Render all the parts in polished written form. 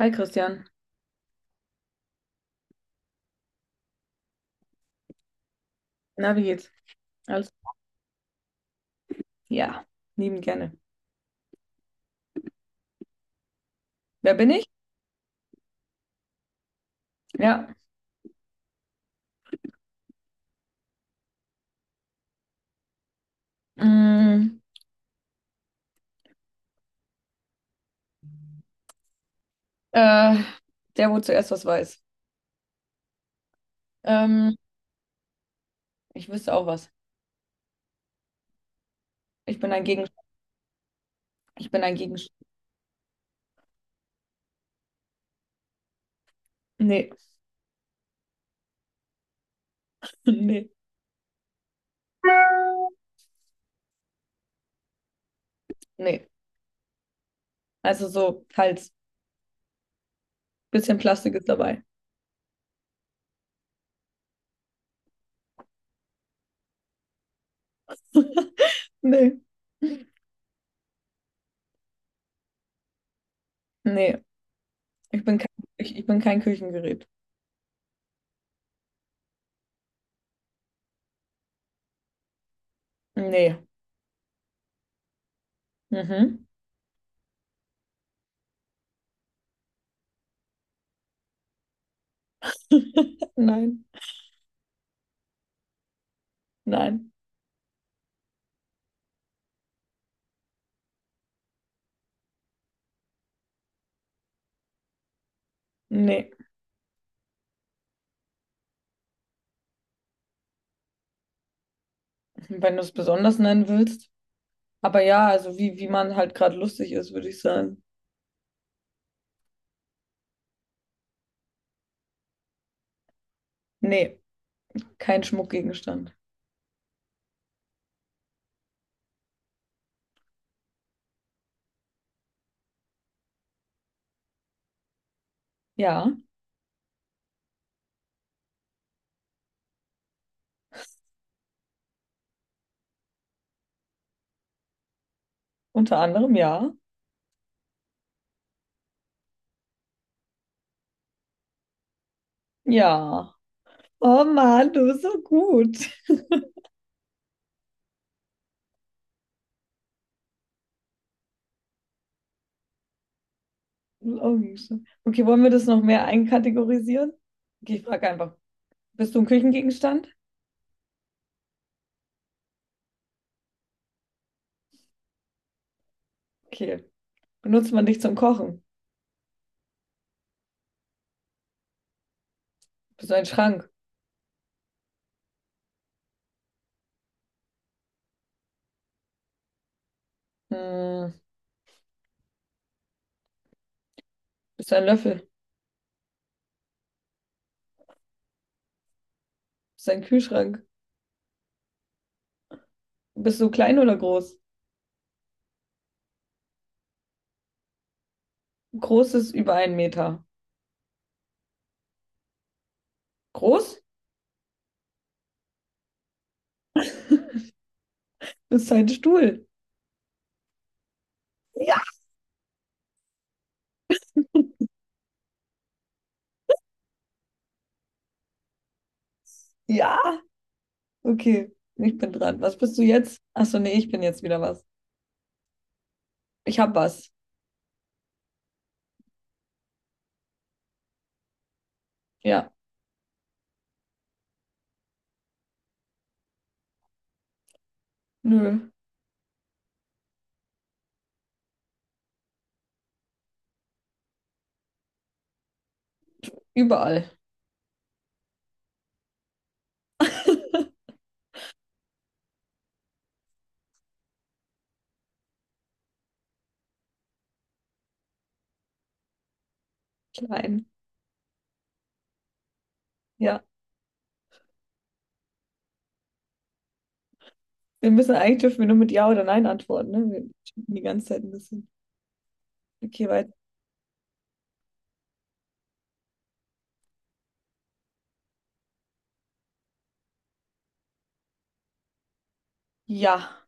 Hi Christian, na, wie geht's? Alles? Ja, lieben gerne. Wer bin ich? Ja, mm, äh, der, wo zuerst was weiß. Ähm, ich wüsste auch was. Ich bin ein Gegenstand. Ich bin ein Gegenstand. Nee, nee, nee. Also so, halt, bisschen Plastik ist dabei. Nee, nee. Ich bin kein, ich bin kein Küchengerät. Nee. Mhm. Nein, nein, nee. Wenn du es besonders nennen willst. Aber ja, also wie man halt gerade lustig ist, würde ich sagen. Nee, kein Schmuckgegenstand. Ja, unter anderem ja. Ja. Oh Mann, du bist so gut. Augengeschmack. Okay, wollen wir das noch mehr einkategorisieren? Okay, ich frage einfach, bist du ein Küchengegenstand? Okay. Benutzt man dich zum Kochen? Bist du ein Schrank? Hm, bist du ein Löffel? Bist du ein Kühlschrank? Bist du klein oder groß? Groß ist über einen Meter. Groß? Bist du ein Stuhl? Ja. Ja. Okay, ich bin dran. Was bist du jetzt? Achso, nee, ich bin jetzt wieder was. Ich hab was. Ja. Nö. Überall. Klein. Ja. Wir müssen eigentlich dürfen wir nur mit Ja oder Nein antworten, ne? Wir schieben die ganze Zeit ein bisschen. Okay, weiter. Ja.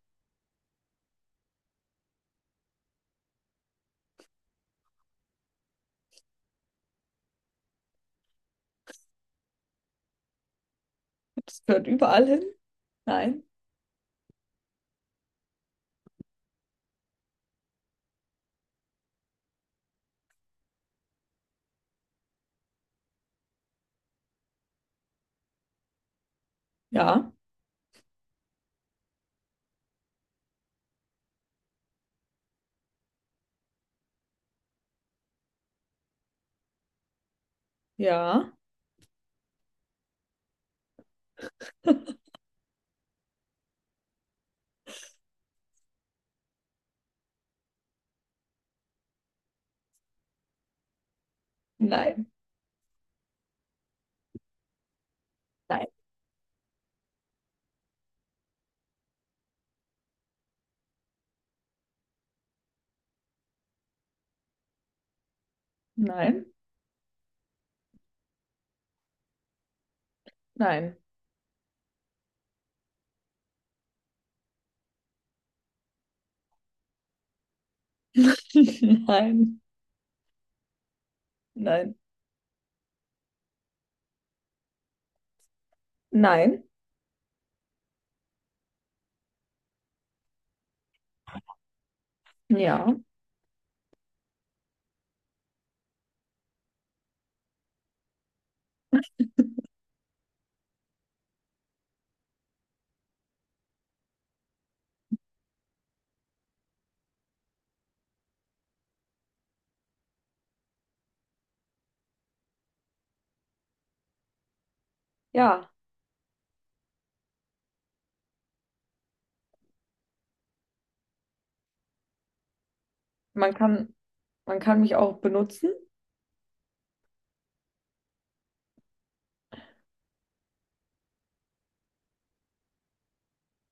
Das gehört überall hin. Nein. Ja. Ja. Nein. Nein. Nein. Nein. Nein. Nein. Nein. Ja. Ja. Man kann, man kann mich auch benutzen.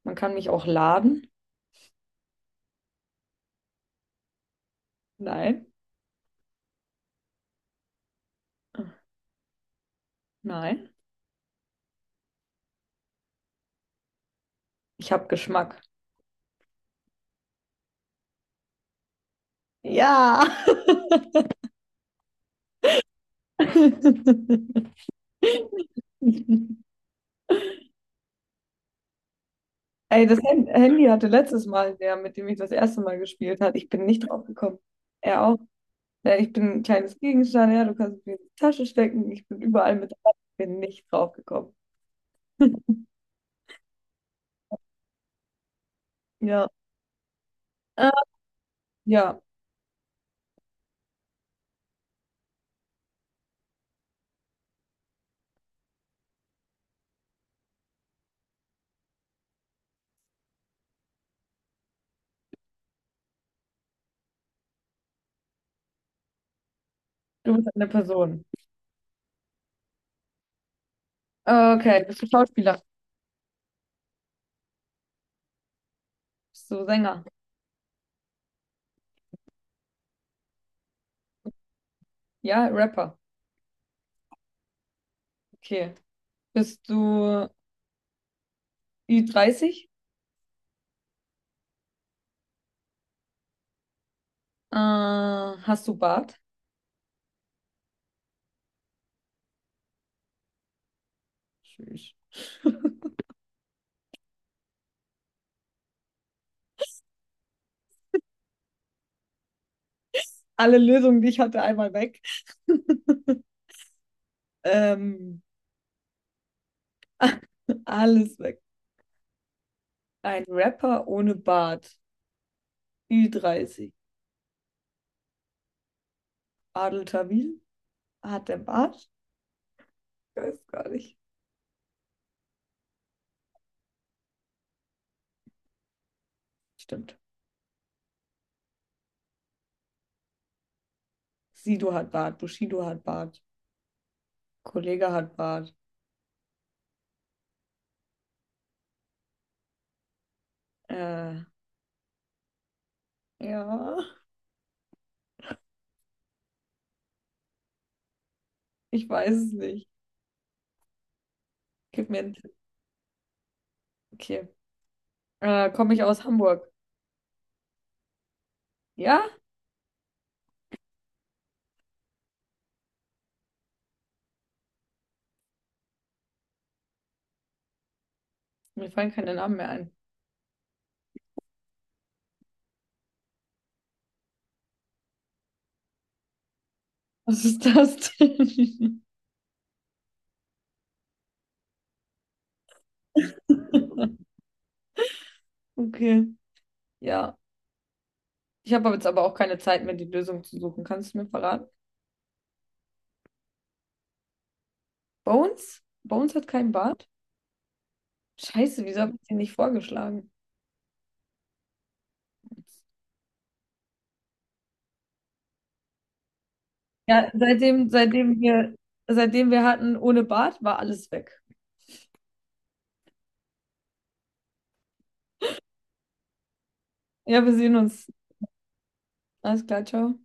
Man kann mich auch laden. Nein. Nein. Ich habe Geschmack. Ja. Ey, das Handy hatte letztes Mal der, mit dem ich das erste Mal gespielt hat. Ich bin nicht drauf gekommen. Er auch. Ja, ich bin ein kleines Gegenstand, ja, du kannst es mir in die Tasche stecken. Ich bin überall mit dabei. Ich bin nicht drauf gekommen. Ja. Äh, ja, du bist eine Person. Okay, bist du Schauspieler? Bist du Sänger? Ja, Rapper. Okay. Bist du Ü30? Hast du Bart? Tschüss. alle Lösungen, die ich hatte, einmal weg. Ähm, alles weg. Ein Rapper ohne Bart. Ü30. Adel Tawil hat der Bart? Ich weiß gar nicht. Stimmt. Sido hat Bart. Bushido hat Bart. Kollege hat Bart. Äh, ja, ich weiß es nicht. Gib mir einen Tipp. Okay. Komme ich aus Hamburg? Ja? Mir fallen keine Namen mehr ein. Was ist das denn? Okay. Ja. Ich habe jetzt aber auch keine Zeit mehr, die Lösung zu suchen. Kannst du mir verraten? Bones? Bones hat keinen Bart? Scheiße, wieso habe ich den nicht vorgeschlagen? Ja, seitdem wir hatten ohne Bart, war alles weg. Ja, wir sehen uns. Alles klar, ciao.